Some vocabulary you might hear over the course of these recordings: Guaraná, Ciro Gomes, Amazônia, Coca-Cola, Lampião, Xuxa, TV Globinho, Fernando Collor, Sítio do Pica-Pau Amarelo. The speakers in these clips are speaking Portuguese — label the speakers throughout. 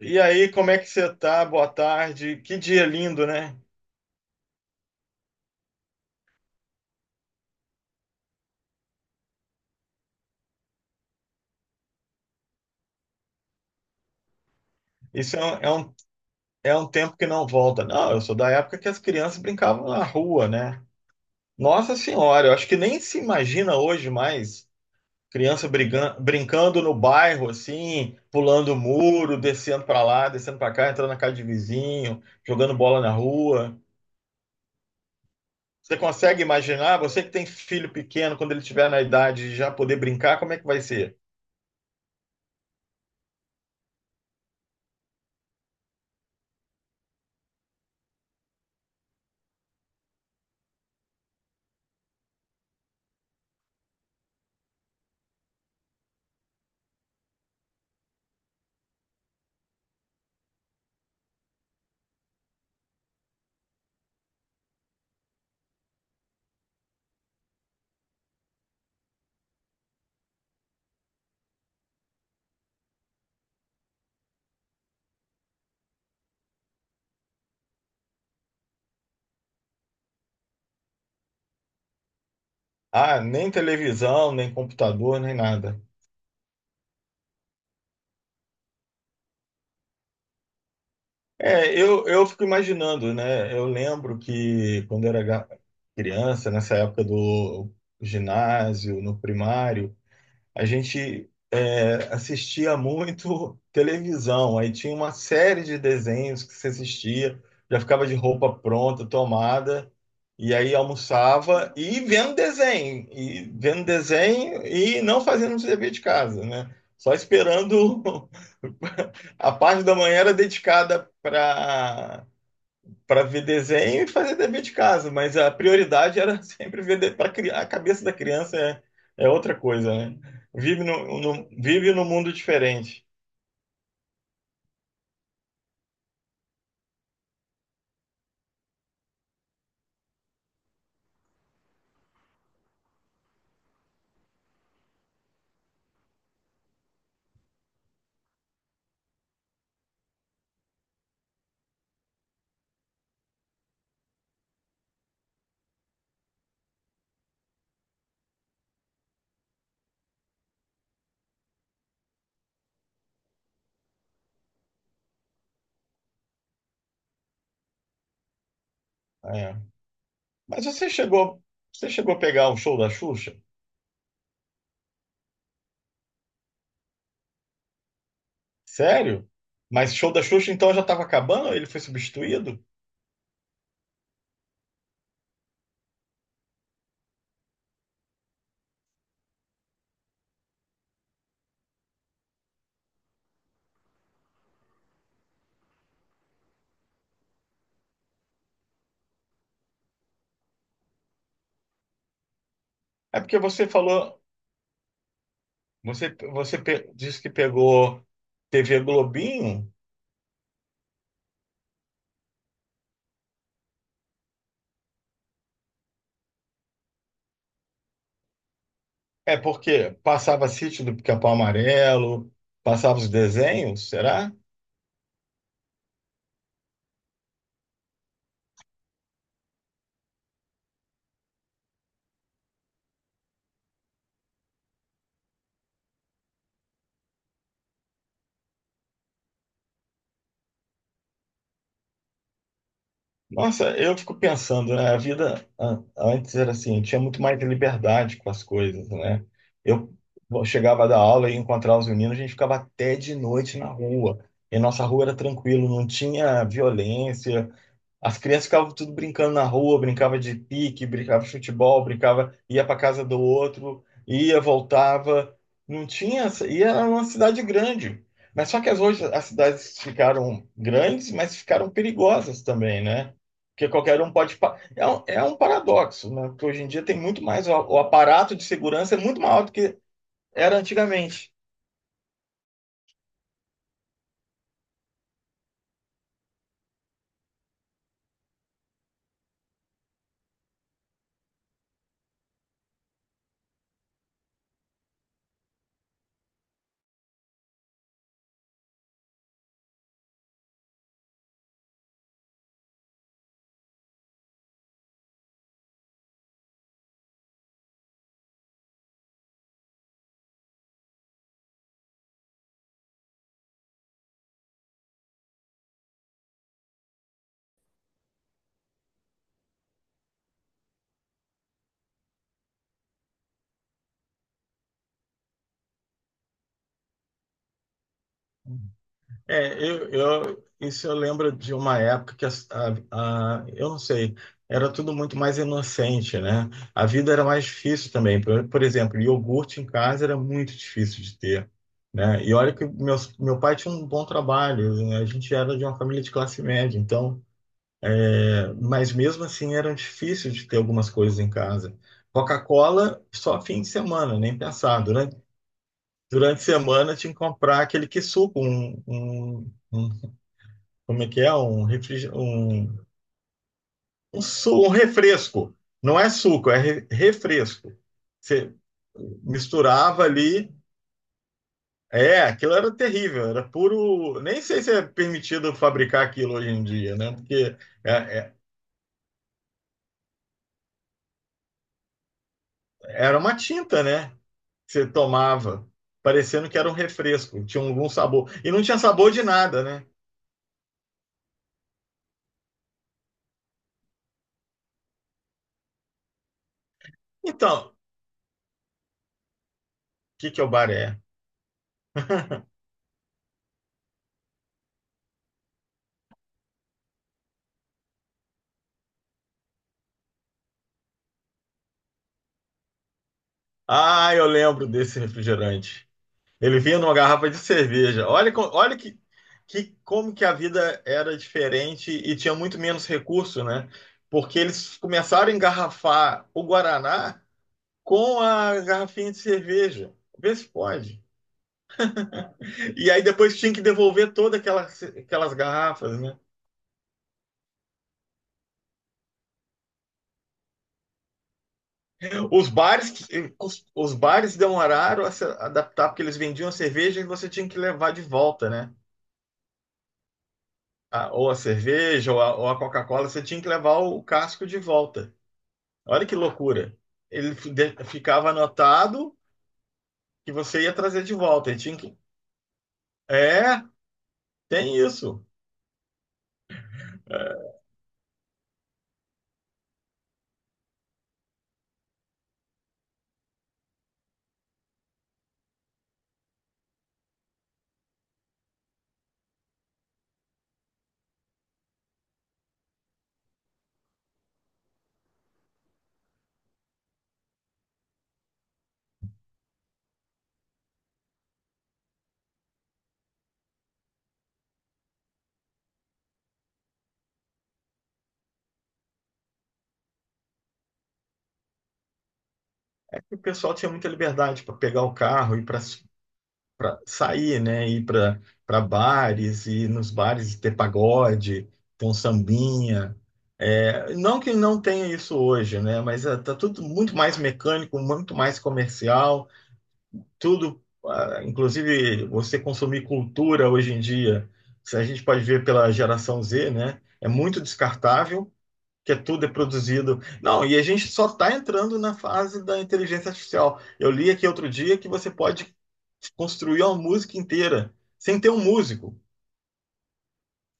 Speaker 1: E aí, como é que você tá? Boa tarde. Que dia lindo, né? Isso é um tempo que não volta. Não, eu sou da época que as crianças brincavam na rua, né? Nossa Senhora, eu acho que nem se imagina hoje mais criança brincando no bairro, assim, pulando muro, descendo para lá, descendo para cá, entrando na casa de vizinho, jogando bola na rua. Você consegue imaginar? Você que tem filho pequeno, quando ele tiver na idade de já poder brincar, como é que vai ser? Ah, nem televisão, nem computador, nem nada. Eu fico imaginando, né? Eu lembro que quando eu era criança, nessa época do ginásio, no primário, a gente assistia muito televisão. Aí tinha uma série de desenhos que se assistia, já ficava de roupa pronta, tomada, e aí almoçava e vendo desenho, e vendo desenho e não fazendo o dever de casa, né? Só esperando A parte da manhã era dedicada para ver desenho e fazer dever de casa, mas a prioridade era sempre ver para a cabeça da criança é outra coisa, né? Vive vive num mundo diferente. É. Mas você chegou, você chegou a pegar o show da Xuxa? Sério? Mas show da Xuxa então já estava acabando? Ele foi substituído? É porque você falou, você disse que pegou TV Globinho. É porque passava Sítio do Pica-Pau Amarelo, passava os desenhos, será? Nossa, eu fico pensando, né? A vida antes era assim, tinha muito mais liberdade com as coisas, né? Eu chegava da aula e encontrava os meninos, a gente ficava até de noite na rua. E nossa rua era tranquilo, não tinha violência. As crianças ficavam tudo brincando na rua, brincava de pique, brincava de futebol, brincava, ia para casa do outro, ia, voltava. Não tinha, e era uma cidade grande. Mas só que as, hoje as cidades ficaram grandes, mas ficaram perigosas também, né? Porque qualquer um pode. É um paradoxo, né? Porque hoje em dia tem muito mais. O aparato de segurança é muito maior do que era antigamente. Isso eu lembro de uma época que eu não sei, era tudo muito mais inocente, né? A vida era mais difícil também. Por exemplo, iogurte em casa era muito difícil de ter, né? E olha que meu pai tinha um bom trabalho, né? A gente era de uma família de classe média, então, mas mesmo assim era difícil de ter algumas coisas em casa. Coca-Cola só fim de semana, nem pensar. Durante a semana tinha que comprar aquele que suco, um como é que é? Um refresco. Não é suco, é refresco. Você misturava ali. É, aquilo era terrível, era puro. Nem sei se é permitido fabricar aquilo hoje em dia, né? Porque é- é- era uma tinta, né? Que você tomava, parecendo que era um refresco, tinha algum sabor. E não tinha sabor de nada, né? Então, o que que é o baré? Ah, eu lembro desse refrigerante. Ele vinha numa garrafa de cerveja. Olha, olha que, como que a vida era diferente e tinha muito menos recurso, né? Porque eles começaram a engarrafar o Guaraná com a garrafinha de cerveja. Vê se pode. E aí depois tinha que devolver todas aquelas, aquelas garrafas, né? Os bares, os bares demoraram a se adaptar, porque eles vendiam a cerveja e você tinha que levar de volta, né? Ou a cerveja, ou a Coca-Cola, você tinha que levar o casco de volta. Olha que loucura. Ele ficava anotado que você ia trazer de volta. Ele tinha que... É, tem isso. É que o pessoal tinha muita liberdade para pegar o carro e para sair, né? Ir para bares e nos bares ter pagode, ter um sambinha. É, não que não tenha isso hoje, né? Mas está tudo muito mais mecânico, muito mais comercial. Tudo, ah, inclusive você consumir cultura hoje em dia, se a gente pode ver pela geração Z, né? É muito descartável, que é tudo é produzido. Não, e a gente só está entrando na fase da inteligência artificial. Eu li aqui outro dia que você pode construir uma música inteira sem ter um músico,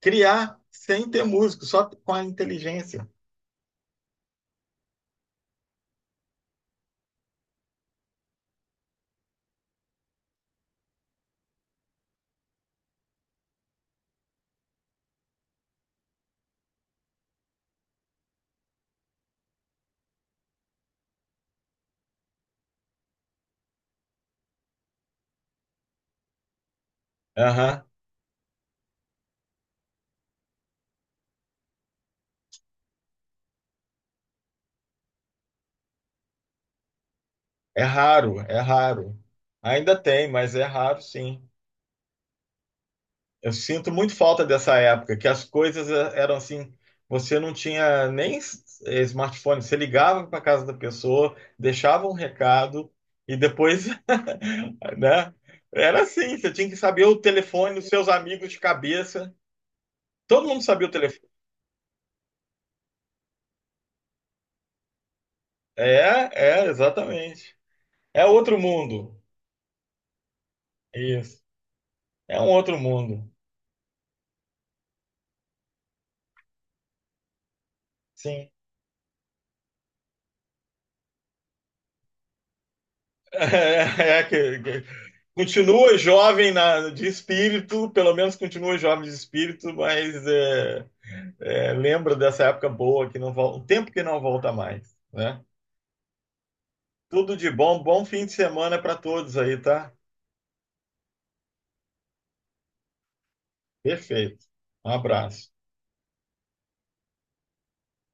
Speaker 1: criar sem ter músico, só com a inteligência. Aham. É raro, é raro. Ainda tem, mas é raro, sim. Eu sinto muito falta dessa época, que as coisas eram assim, você não tinha nem smartphone, você ligava para casa da pessoa, deixava um recado e depois, né? Era assim, você tinha que saber o telefone dos seus amigos de cabeça. Todo mundo sabia o telefone. É, é, exatamente. É outro mundo. Isso. É um outro mundo. Sim. É, que, continua jovem de espírito, pelo menos continua jovem de espírito, lembra dessa época boa que não volta, um tempo que não volta mais, né? Tudo de bom, bom fim de semana para todos aí, tá? Perfeito. Um abraço.